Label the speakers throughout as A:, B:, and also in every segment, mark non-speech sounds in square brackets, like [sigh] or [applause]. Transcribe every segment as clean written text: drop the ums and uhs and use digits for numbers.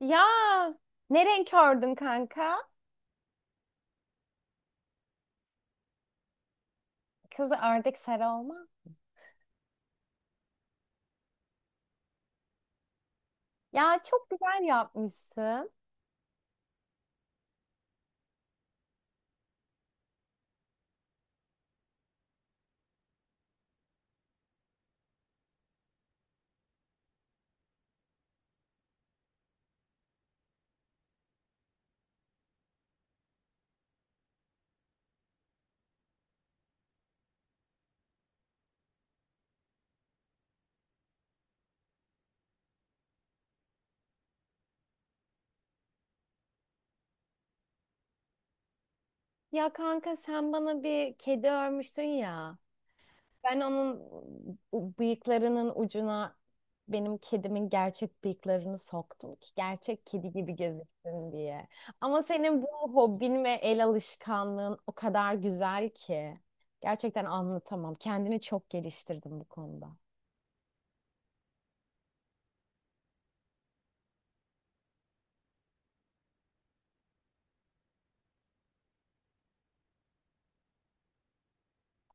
A: Ya ne renk ördün kanka? Kızı ördek sarı olma. Ya çok güzel yapmışsın. Ya kanka sen bana bir kedi örmüştün ya. Ben onun bıyıklarının ucuna benim kedimin gerçek bıyıklarını soktum ki gerçek kedi gibi gözüksün diye. Ama senin bu hobin ve el alışkanlığın o kadar güzel ki. Gerçekten anlatamam. Kendini çok geliştirdim bu konuda.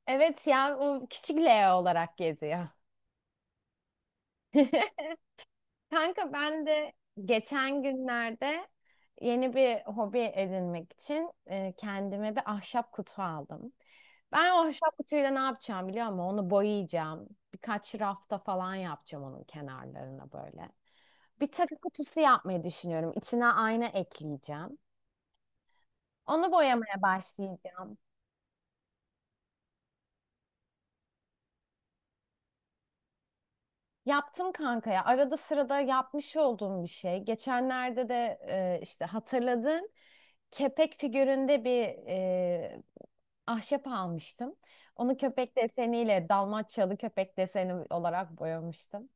A: Evet ya o küçük Leo olarak geziyor. [laughs] Kanka ben de geçen günlerde yeni bir hobi edinmek için kendime bir ahşap kutu aldım. Ben o ahşap kutuyla ne yapacağım biliyor musun? Onu boyayacağım. Birkaç rafta falan yapacağım onun kenarlarına böyle. Bir takı kutusu yapmayı düşünüyorum. İçine ayna ekleyeceğim. Onu boyamaya başlayacağım. Yaptım kanka ya. Arada sırada yapmış olduğum bir şey. Geçenlerde de işte hatırladım. Kepek figüründe bir e, ahşap almıştım. Onu köpek deseniyle Dalmaçyalı köpek deseni olarak boyamıştım.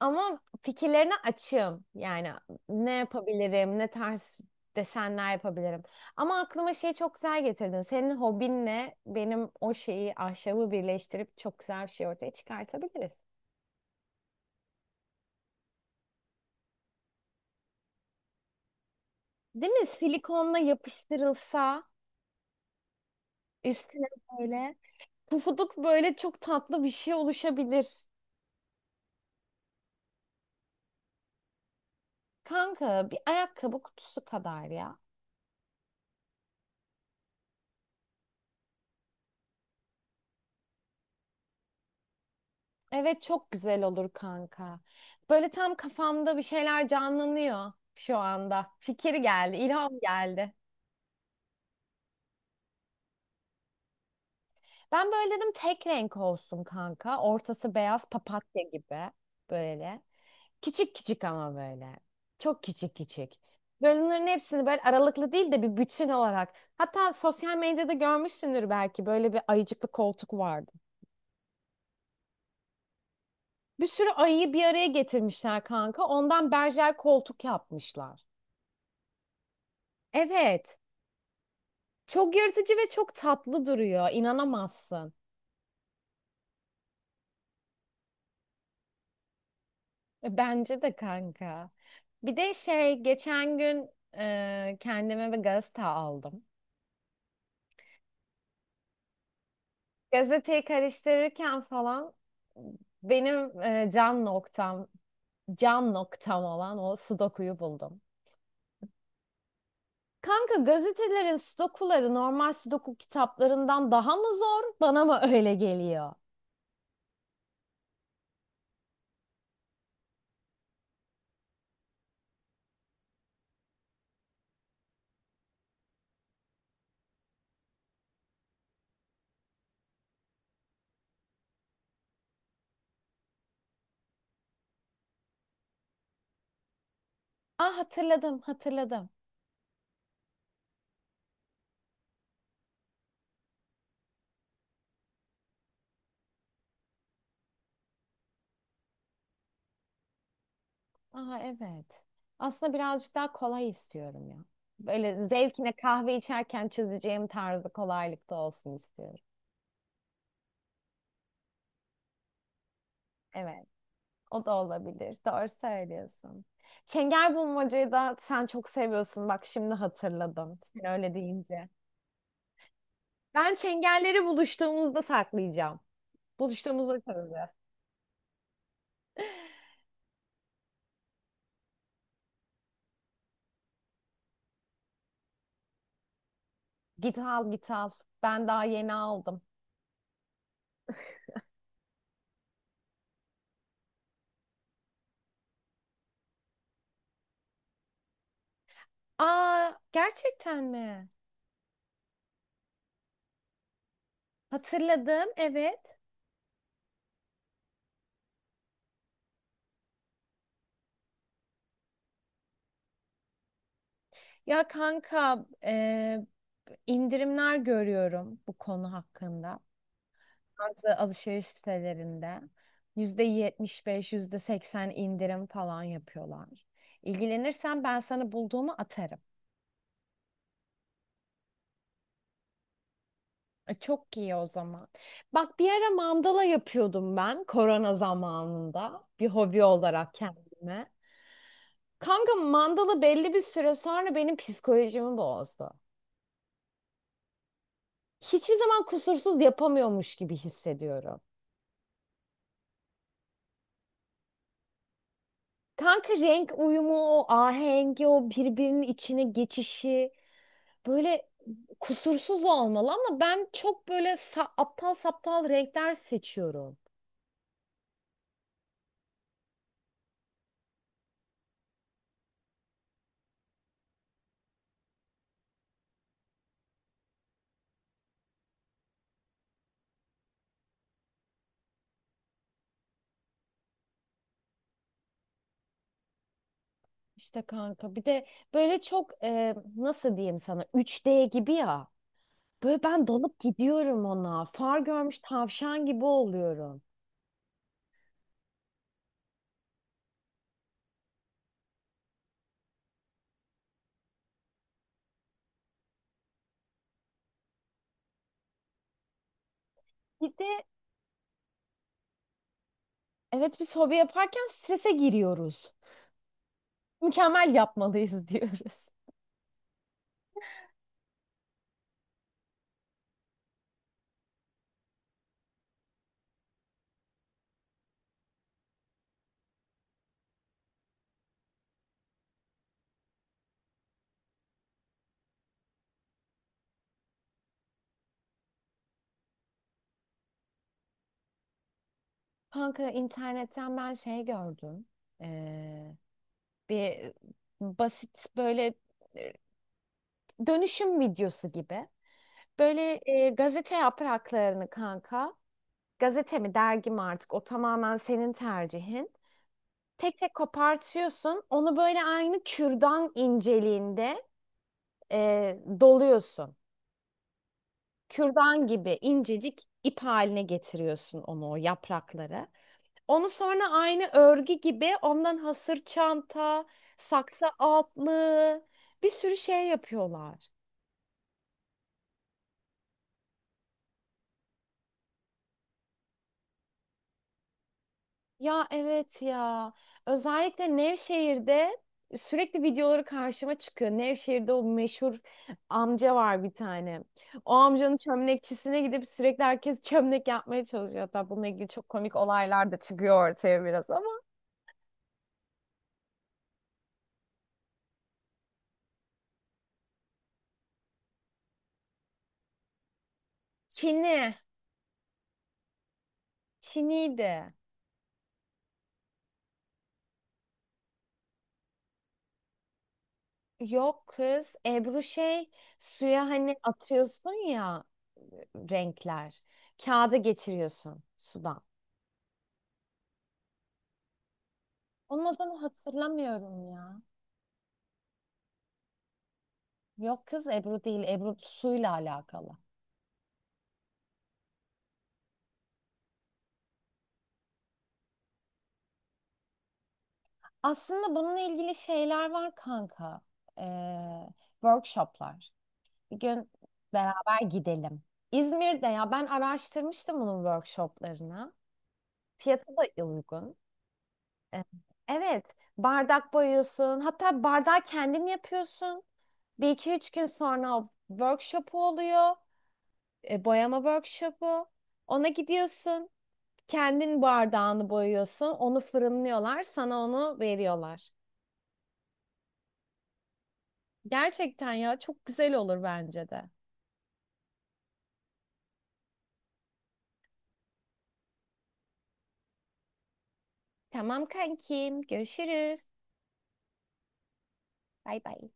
A: Ama fikirlerine açığım. Yani ne yapabilirim, ne tarz desenler yapabilirim. Ama aklıma şey çok güzel getirdin. Senin hobinle benim o şeyi, ahşabı birleştirip çok güzel bir şey ortaya çıkartabiliriz. Değil mi? Silikonla yapıştırılsa üstüne böyle pufuduk böyle çok tatlı bir şey oluşabilir. Kanka bir ayakkabı kutusu kadar ya. Evet çok güzel olur kanka. Böyle tam kafamda bir şeyler canlanıyor şu anda. Fikir geldi, ilham geldi. Ben böyle dedim tek renk olsun kanka. Ortası beyaz papatya gibi böyle. Küçük küçük ama böyle. Çok küçük küçük. Böyle bunların hepsini böyle aralıklı değil de bir bütün olarak. Hatta sosyal medyada görmüşsündür belki böyle bir ayıcıklı koltuk vardı. Bir sürü ayıyı bir araya getirmişler kanka. Ondan berjer koltuk yapmışlar. Evet. Çok yırtıcı ve çok tatlı duruyor. İnanamazsın. Bence de kanka. Bir de şey geçen gün kendime bir gazete aldım. Gazeteyi karıştırırken falan benim can noktam, can noktam olan o sudokuyu buldum. Kanka gazetelerin sudokuları normal sudoku kitaplarından daha mı zor? Bana mı öyle geliyor? Ah hatırladım, hatırladım. Aha evet. Aslında birazcık daha kolay istiyorum ya. Böyle zevkine kahve içerken çözeceğim tarzı kolaylıkta olsun istiyorum. Evet. O da olabilir. Doğru söylüyorsun. Çengelbulmacayı da sen çok seviyorsun. Bak şimdi hatırladım. Sen öyle deyince. Ben çengelleri buluştuğumuzda saklayacağım. Buluştuğumuzda saklayacağız. Git al git al. Ben daha yeni aldım. Aa gerçekten mi? Hatırladım evet. Ya kanka indirimler görüyorum bu konu hakkında. Bazı alışveriş sitelerinde %75 %80 indirim falan yapıyorlar. İlgilenirsen ben sana bulduğumu atarım. E, çok iyi o zaman. Bak bir ara mandala yapıyordum ben korona zamanında bir hobi olarak kendime. Kanka mandala belli bir süre sonra benim psikolojimi bozdu. Hiçbir zaman kusursuz yapamıyormuş gibi hissediyorum. Kanka renk uyumu, o ahengi, o birbirinin içine geçişi böyle kusursuz olmalı ama ben çok böyle aptal saptal renkler seçiyorum. İşte kanka bir de böyle çok nasıl diyeyim sana 3D gibi ya. Böyle ben dalıp gidiyorum ona. Far görmüş tavşan gibi oluyorum. Bir de evet biz hobi yaparken strese giriyoruz. Mükemmel yapmalıyız [laughs] diyoruz. Kanka internetten ben şey gördüm. Ee, Bir basit böyle e, dönüşüm videosu gibi. Böyle gazete yapraklarını kanka, gazete mi dergi mi artık o tamamen senin tercihin. Tek tek kopartıyorsun. Onu böyle aynı kürdan inceliğinde doluyorsun. Kürdan gibi incecik ip haline getiriyorsun onu o yaprakları. Onu sonra aynı örgü gibi ondan hasır çanta, saksı altlığı bir sürü şey yapıyorlar. Ya evet ya. Özellikle Nevşehir'de sürekli videoları karşıma çıkıyor. Nevşehir'de o meşhur amca var bir tane. O amcanın çömlekçisine gidip sürekli herkes çömlek yapmaya çalışıyor. Hatta bununla ilgili çok komik olaylar da çıkıyor ortaya biraz ama. Çini. Çiniydi. Yok kız. Ebru şey suya hani atıyorsun ya renkler. Kağıda geçiriyorsun sudan. Onun adını hatırlamıyorum ya. Yok kız Ebru değil. Ebru suyla alakalı. Aslında bununla ilgili şeyler var kanka. Ee, workshoplar. Bir gün beraber gidelim. İzmir'de ya ben araştırmıştım bunun workshoplarını. Fiyatı da uygun. Ee, evet bardak boyuyorsun. Hatta bardağı kendin yapıyorsun. Bir iki üç gün sonra o workshop'u oluyor. Boyama workshop'u. Ona gidiyorsun. Kendin bardağını boyuyorsun, onu fırınlıyorlar, sana onu veriyorlar. Gerçekten ya çok güzel olur bence de. Tamam kankim, görüşürüz. Bay bay.